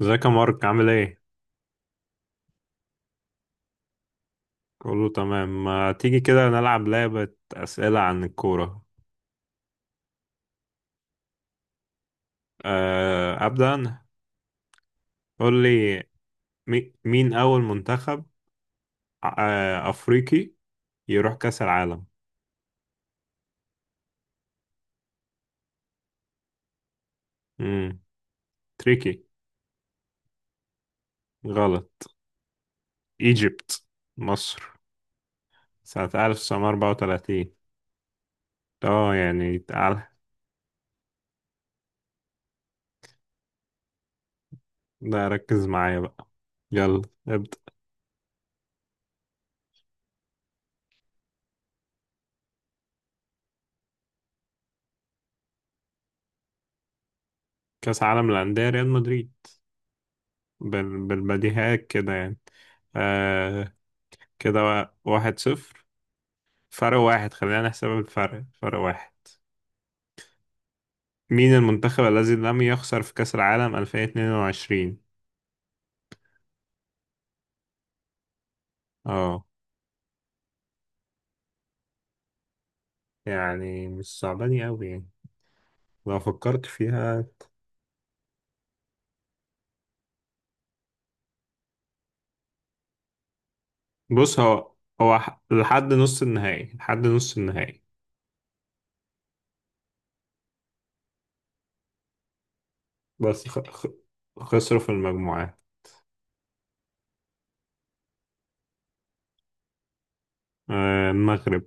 ازيك يا مارك عامل ايه؟ كله تمام. ما تيجي كده نلعب لعبة أسئلة عن الكورة. أه، أبدأ أنا. قول لي. مين أول منتخب أفريقي يروح كأس العالم؟ مم. تريكي. غلط. إيجيبت. مصر سنة 1934. اه يعني تعال. ده ركز معايا بقى، يلا ابدأ. كأس عالم للأندية، ريال مدريد. بالبديهيات كده يعني. أه كده، 1-0، فرق واحد. خلينا نحسب الفرق، فرق واحد. مين المنتخب الذي لم يخسر في كأس العالم 2022؟ اه يعني مش صعباني قوي يعني، لو فكرت فيها. بص هو لحد نص النهائي، لحد نص النهائي. بس خسروا في المجموعات. آه المغرب.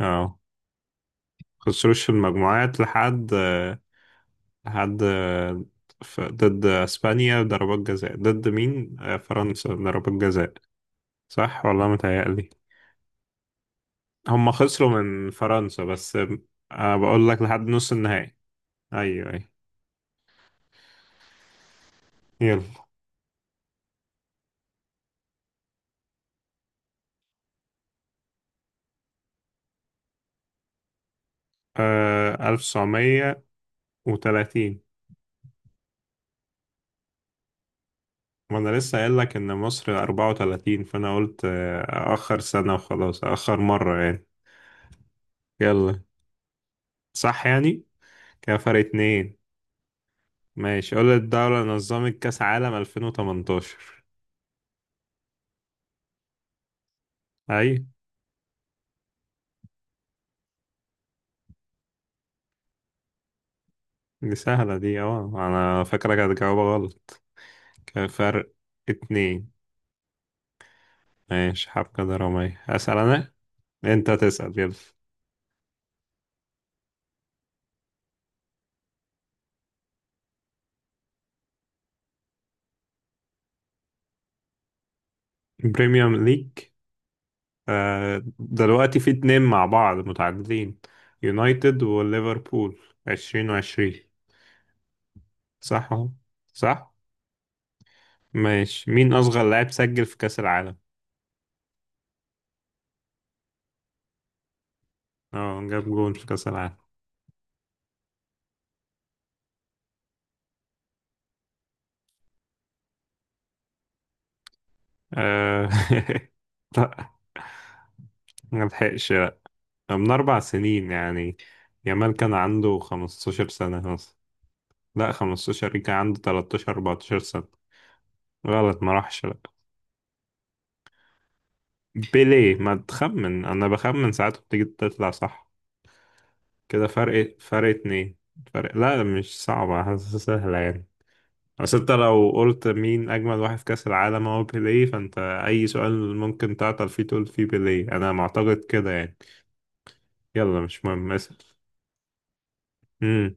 اه. خسروش في المجموعات لحد لحد ضد اسبانيا ضربات جزاء، ضد مين فرنسا ضربات جزاء. صح والله، متهيألي هم خسروا من فرنسا بس. أنا بقول لك لحد نص النهائي. أيوه أيوه. يلا. آه 1930. وأنا لسه قايل لك إن مصر 34. فأنا قلت أأخر سنة وخلاص، أأخر مرة يعني. يلا، صح يعني. كده فرق اتنين. ماشي قول لي الدولة اللي نظمت كأس عالم 2018. أي. دي سهلة دي، أه أنا فاكرك هتجاوبها غلط. كده فرق اتنين. ماشي حبكة درامية، أسأل أنا؟ أنت تسأل، يلا. بريميوم ليج. دلوقتي في اتنين مع بعض متعادلين، يونايتد وليفربول، 20-20. صح اهو، صح. ماشي. مين أصغر لاعب سجل في كأس العالم، اه جاب جول في كأس العالم؟ آه، لا، ما لحقش، لا. من 4 سنين يعني، يامال كان عنده 15 سنة مثلا. لا، خمستاشر. كان عنده تلاتاشر أربعتاشر سنة. غلط، ما راحش، لا. بيليه. ما تخمن، أنا بخمن ساعات بتيجي تطلع صح. كده فرق اتنين. فرق لا مش صعبة، حاسسها سهلة يعني. بس انت لو قلت مين أجمل واحد في كأس العالم، هو بيليه. فانت أي سؤال ممكن تعطل فيه، تقول فيه بيليه. أنا معتقد كده يعني. يلا مش مهم، اسأل. امم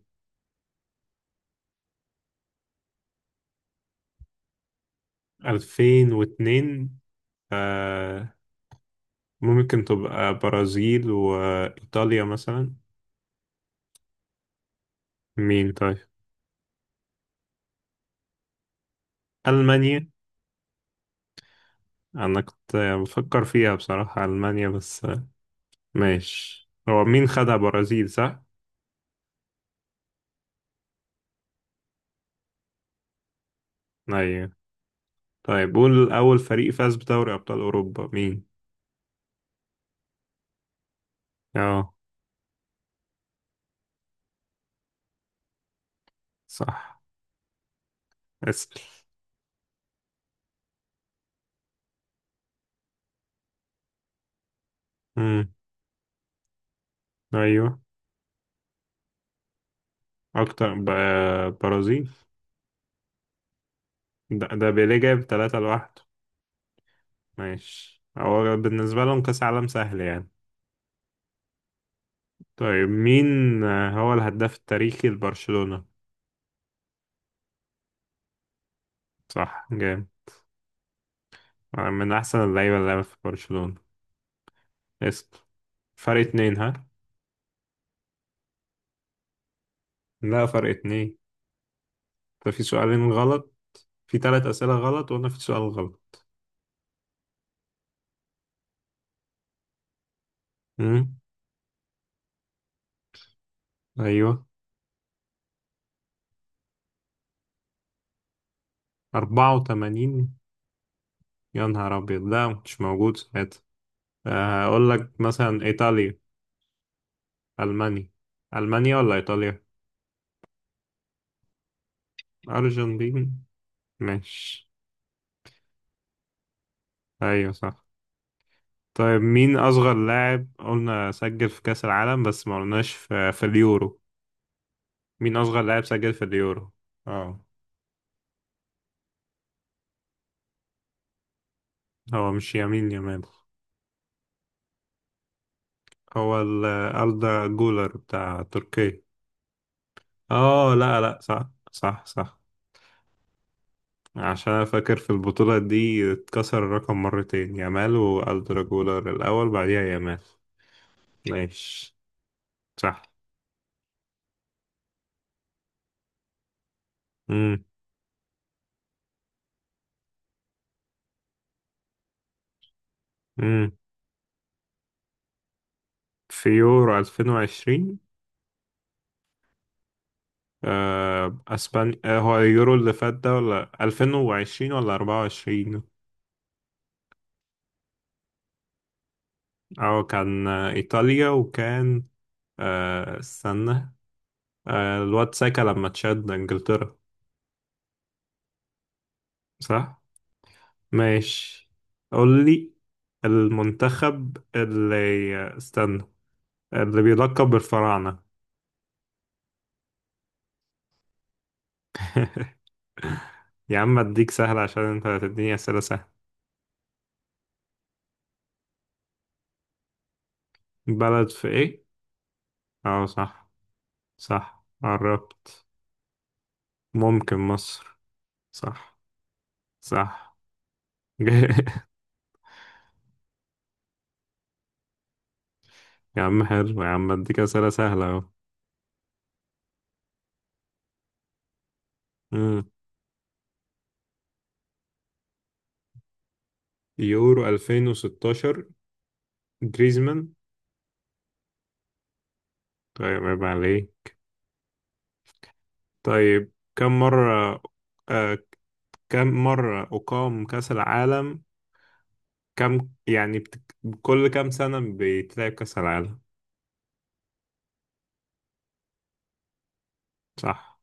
2002. آه ممكن تبقى برازيل وإيطاليا مثلا. مين طيب؟ ألمانيا. أنا كنت بفكر فيها بصراحة ألمانيا بس ماشي. هو مين خدها، برازيل صح؟ أيوة. طيب قول أول فريق فاز بدوري أبطال أوروبا مين؟ اه، صح. اسأل. امم أيوه. أكتر برازيل. ده بيليه جايب تلاتة لوحده. ماشي، هو بالنسبة لهم كأس عالم سهل يعني. طيب مين هو الهداف التاريخي لبرشلونة؟ صح، جامد. من أحسن اللعيبة اللي لعبت في برشلونة. اسأل. فرق اتنين ها؟ لا فرق اتنين. ده في سؤالين غلط، في تلات أسئلة غلط وأنا في سؤال غلط. امم أيوه. 84. يا نهار أبيض، ده مش موجود ساعتها. هقول لك مثلا إيطاليا. ألمانيا. ألمانيا ولا إيطاليا. أرجنتين. ماشي. أيوة صح. طيب مين أصغر لاعب قلنا سجل في كأس العالم بس ما قلناش في اليورو. مين أصغر لاعب سجل في اليورو؟ اه. هو مش يمين يمال. هو ال- أردا جولر بتاع تركيا. اه لا لا، صح صح صح. عشان أنا فاكر في البطولة دي اتكسر الرقم مرتين، يامال والدر جولر الأول بعديها يامال. ماشي. صح. مم. مم. في يورو 2020؟ آه أسبانيا. آه هو اليورو اللي فات ده ولا 2020 ولا 24؟ أو كان إيطاليا. وكان استنى. آه الواد ساكا لما تشد إنجلترا. صح ماشي. قول لي المنتخب اللي استنى، اللي بيلقب بالفراعنة. يا عم اديك سهل عشان انت هتديني اسئلة سهلة. بلد في ايه؟ اه صح، صح قربت. ممكن مصر. صح. صح. يا عم حلو، يا عم اديك اسئلة سهلة اهو. مم. يورو 2016. جريزمان. طيب عيب عليه. طيب كم مرة آه كم مرة أقام كأس العالم، كم يعني كل كم سنة بيتلعب كأس العالم. صح.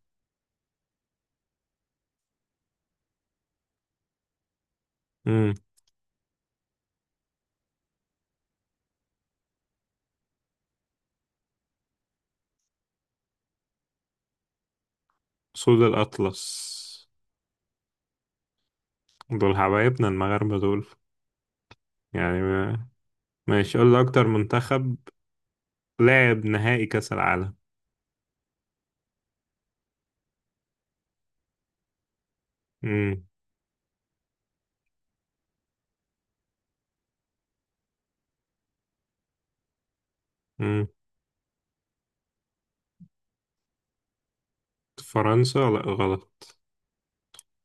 سود الأطلس. دول حبايبنا المغاربة دول، يعني ماشي. قول لي أكتر منتخب لعب نهائي كأس العالم. مم. مم. فرنسا لا غلط.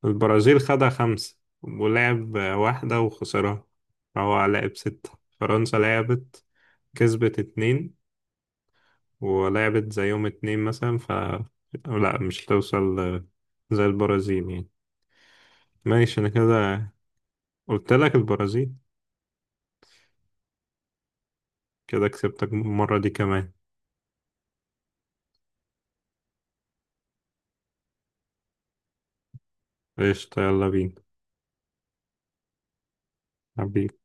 البرازيل خدها خمسة ولعب واحدة وخسرها، فهو لعب ستة. فرنسا لعبت، كسبت اتنين، ولعبت زيهم اتنين مثلا، ف لا مش توصل زي البرازيل يعني. ماشي أنا كده. قلت لك البرازيل. كده كسبتك المرة دي كمان. قشطة، يلا بينا. حبيبي.